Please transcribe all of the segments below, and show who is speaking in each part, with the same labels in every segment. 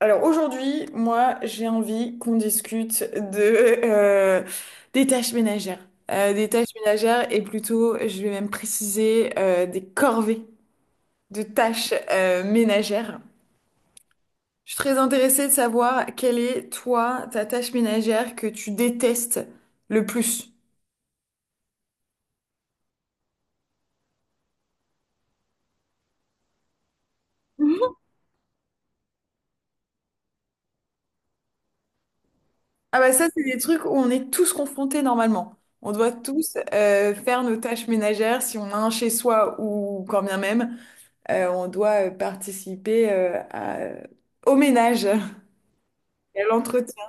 Speaker 1: Alors aujourd'hui, moi, j'ai envie qu'on discute de des tâches ménagères. Des tâches ménagères et plutôt, je vais même préciser des corvées de tâches ménagères. Je suis très intéressée de savoir quelle est toi ta tâche ménagère que tu détestes le plus. Ah bah ça, c'est des trucs où on est tous confrontés normalement. On doit tous faire nos tâches ménagères si on a un chez soi ou quand bien même. On doit participer au ménage et à l'entretien.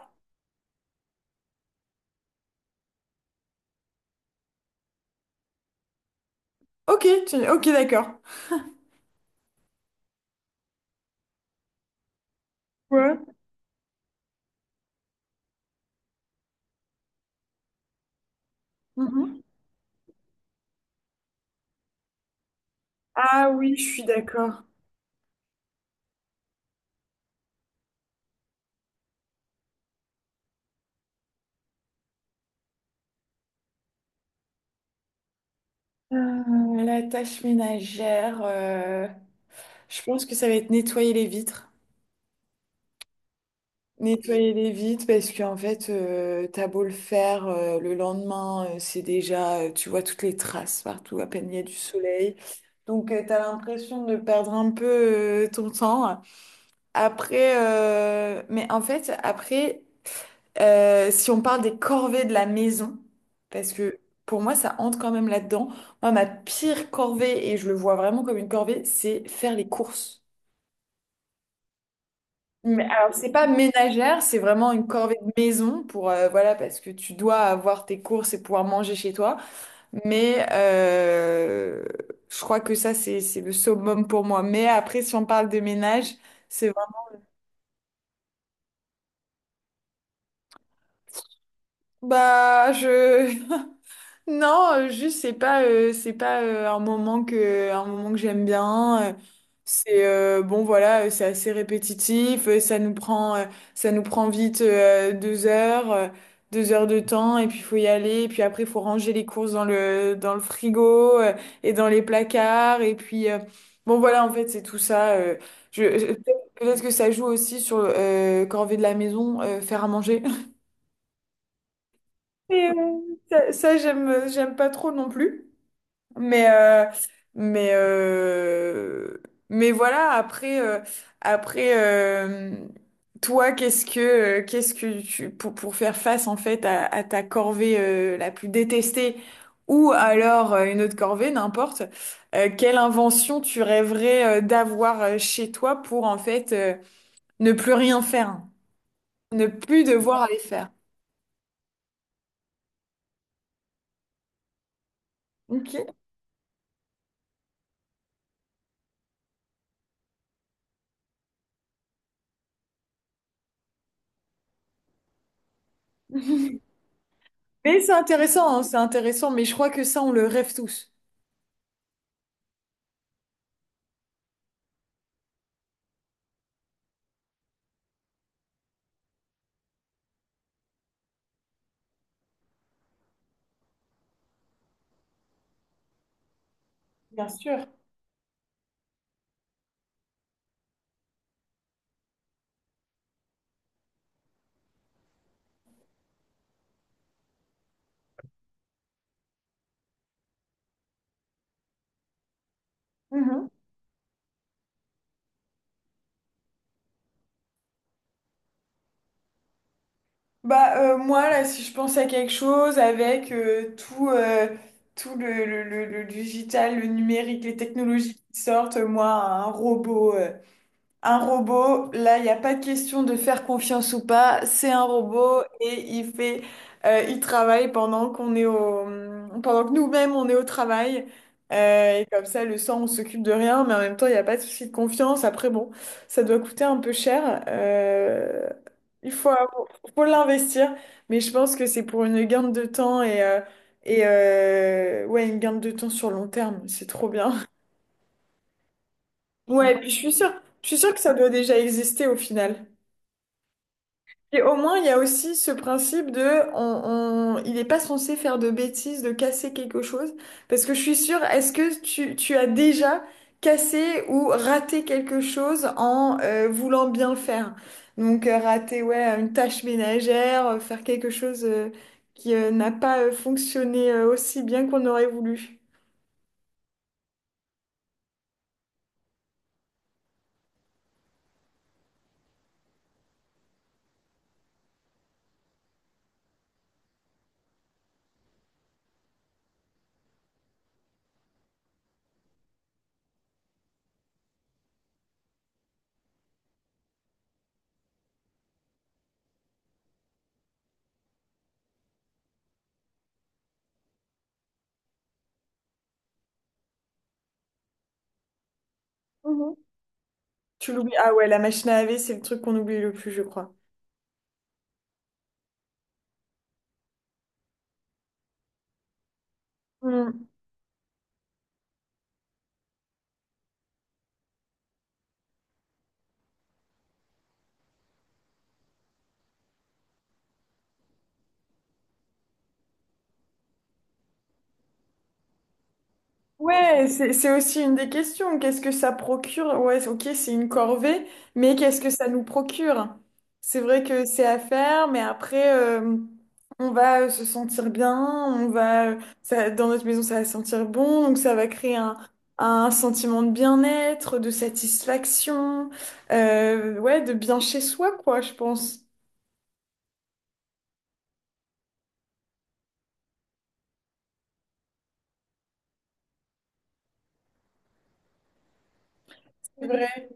Speaker 1: Ok, ok, d'accord. Ouais. Mhm. Ah oui, je suis d'accord. La tâche ménagère, je pense que ça va être nettoyer les vitres. Nettoyer les vitres parce qu'en fait, t'as beau le faire, le lendemain, c'est déjà, tu vois toutes les traces partout, à peine il y a du soleil. Donc, tu t'as l'impression de perdre un peu, ton temps. Après, mais en fait, après, si on parle des corvées de la maison, parce que pour moi, ça entre quand même là-dedans. Moi, ma pire corvée, et je le vois vraiment comme une corvée, c'est faire les courses. Mais alors, c'est pas ménagère, c'est vraiment une corvée de maison pour, voilà, parce que tu dois avoir tes courses et pouvoir manger chez toi. Mais je crois que ça, c'est le summum pour moi. Mais après, si on parle de ménage, c'est vraiment, bah, non, juste c'est pas un moment que j'aime bien. C'est bon voilà, c'est assez répétitif. Ça nous prend vite deux heures de temps et puis faut y aller. Et puis après il faut ranger les courses dans le frigo et dans les placards. Et puis bon voilà en fait c'est tout ça. Je, je- Peut-être que ça joue aussi sur corvée de la maison, faire à manger. Et, j'aime pas trop non plus. Mais, euh, mais, euh, mais voilà, après, toi, qu'est-ce que tu, pour faire face en fait à ta corvée la plus détestée ou alors une autre corvée, n'importe, quelle invention tu rêverais d'avoir chez toi pour en fait ne plus rien faire, ne plus devoir aller faire. Ok. Mais c'est intéressant, hein, c'est intéressant, mais je crois que ça, on le rêve tous. Bien sûr. Mhm. Bah, moi, là, si je pense à quelque chose avec tout le digital, le numérique, les technologies qui sortent, moi, un robot. Un robot, là, il n'y a pas de question de faire confiance ou pas. C'est un robot et il travaille pendant que nous-mêmes on est au travail. Et comme ça, le sang, on s'occupe de rien, mais en même temps, il n'y a pas de souci de confiance. Après, bon, ça doit coûter un peu cher. Il faut, avoir- Faut l'investir, mais je pense que c'est pour une gain de temps et ouais, une gain de temps sur long terme. C'est trop bien. Ouais, et puis je suis sûre, que ça doit déjà exister au final. Et au moins, il y a aussi ce principe de, il n'est pas censé faire de bêtises, de casser quelque chose. Parce que je suis sûre, est-ce que tu as déjà cassé ou raté quelque chose en voulant bien le faire? Donc, rater, ouais, une tâche ménagère, faire quelque chose qui n'a pas fonctionné aussi bien qu'on aurait voulu. Mhm. Tu l'oublies? Ah ouais, la machine à laver, c'est le truc qu'on oublie le plus, je crois. Ouais, c'est aussi une des questions. Qu'est-ce que ça procure? Ouais, ok, c'est une corvée, mais qu'est-ce que ça nous procure? C'est vrai que c'est à faire, mais après, on va se sentir bien, ça, dans notre maison, ça va sentir bon, donc ça va créer un sentiment de bien-être, de satisfaction, ouais, de bien chez soi, quoi, je pense. C'est vrai.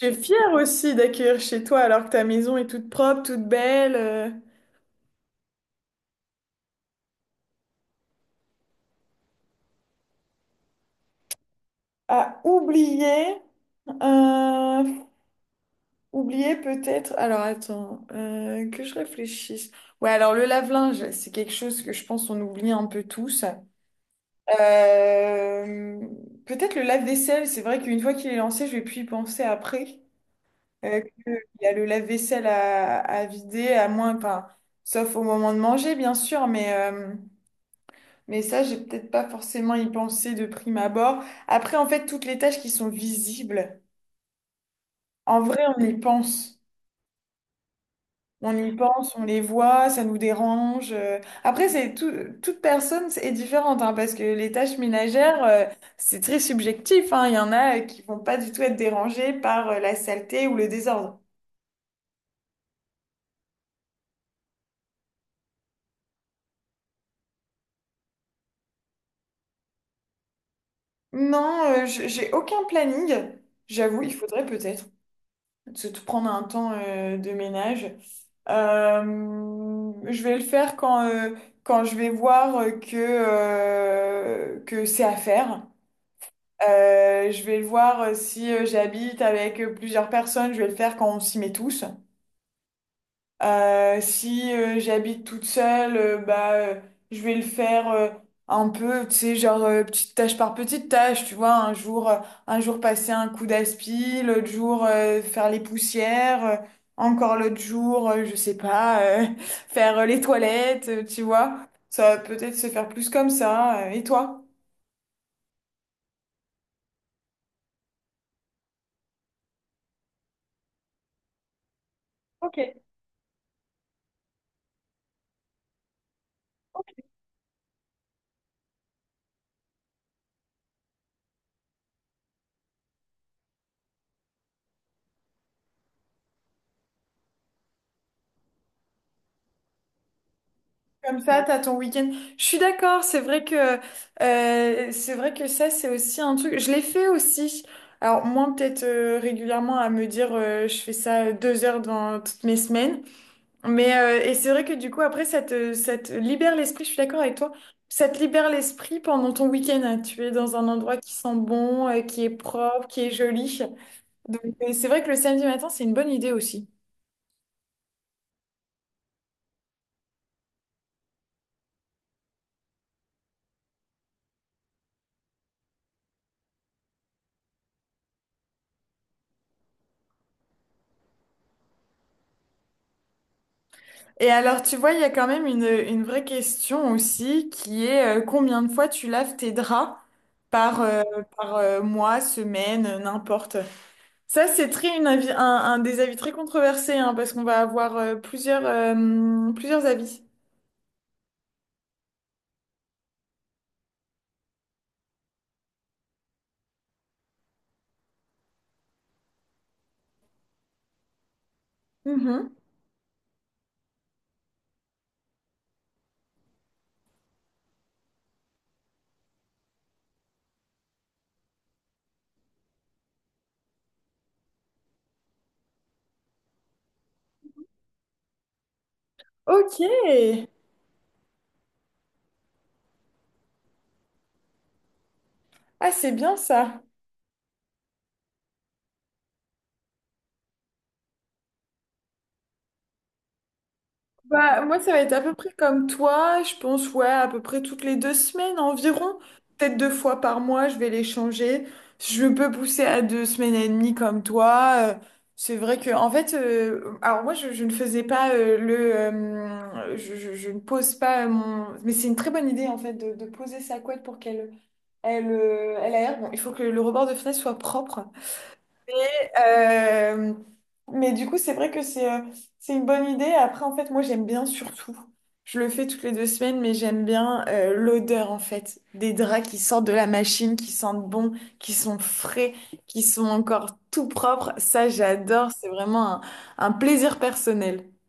Speaker 1: Je suis fière aussi d'accueillir chez toi alors que ta maison est toute propre, toute belle, à oublier. Euh, Oublier peut-être. Alors attends, que je réfléchisse. Ouais, alors le lave-linge, c'est quelque chose que je pense on oublie un peu tous. Euh, Peut-être le lave-vaisselle. C'est vrai qu'une fois qu'il est lancé, je vais plus y penser après. Euh, que- il y a le lave-vaisselle à vider, à moins, enfin, sauf au moment de manger, bien sûr, mais mais ça, j'ai peut-être pas forcément y pensé de prime abord. Après, en fait, toutes les tâches qui sont visibles, en vrai, on y pense. On y pense, on les voit, ça nous dérange. Après, toute personne est différente, hein, parce que les tâches ménagères, c'est très subjectif, hein. Il y en a qui vont pas du tout être dérangés par la saleté ou le désordre. Non, j'ai aucun planning. J'avoue, il faudrait peut-être se tout prendre un temps de ménage. Je vais le faire quand je vais voir que c'est à faire. Je vais le voir si j'habite avec plusieurs personnes, je vais le faire quand on s'y met tous. Si j'habite toute seule, bah, je vais le faire un peu, tu sais, genre petite tâche par petite tâche, tu vois, un jour passer un coup d'aspi, l'autre jour faire les poussières, encore l'autre jour, je sais pas, faire les toilettes, tu vois. Ça va peut-être se faire plus comme ça. Et toi? Comme ça, t'as ton week-end. Je suis d'accord, c'est vrai que ça, c'est aussi un truc. Je l'ai fait aussi. Alors moi, peut-être régulièrement à me dire, je fais ça 2 heures dans toutes mes semaines. Mais et c'est vrai que du coup, après, ça te libère l'esprit. Je suis d'accord avec toi. Ça te libère l'esprit pendant ton week-end, hein. Tu es dans un endroit qui sent bon, qui est propre, qui est joli. Donc c'est vrai que le samedi matin, c'est une bonne idée aussi. Et alors, tu vois, il y a quand même une vraie question aussi qui est combien de fois tu laves tes draps par, euh, par mois, semaine, n'importe. Ça, c'est très une avis, un des avis très controversés hein, parce qu'on va avoir plusieurs avis. Mhm. Ok. Ah, c'est bien ça. Bah, moi, ça va être à peu près comme toi. Je pense, ouais, à peu près toutes les 2 semaines environ. Peut-être 2 fois par mois, je vais les changer. Je peux pousser à 2 semaines et demie comme toi. C'est vrai que, en fait, alors moi, je ne faisais pas je ne pose pas mon. Mais c'est une très bonne idée, en fait, de poser sa couette pour qu'elle elle, elle aère. Bon, il faut que le rebord de fenêtre soit propre. Euh, mais du coup, c'est vrai que c'est une bonne idée. Après, en fait, moi, j'aime bien surtout. Je le fais toutes les 2 semaines, mais j'aime bien l'odeur, en fait, des draps qui sortent de la machine, qui sentent bon, qui sont frais, qui sont encore tout propres. Ça, j'adore. C'est vraiment un plaisir personnel.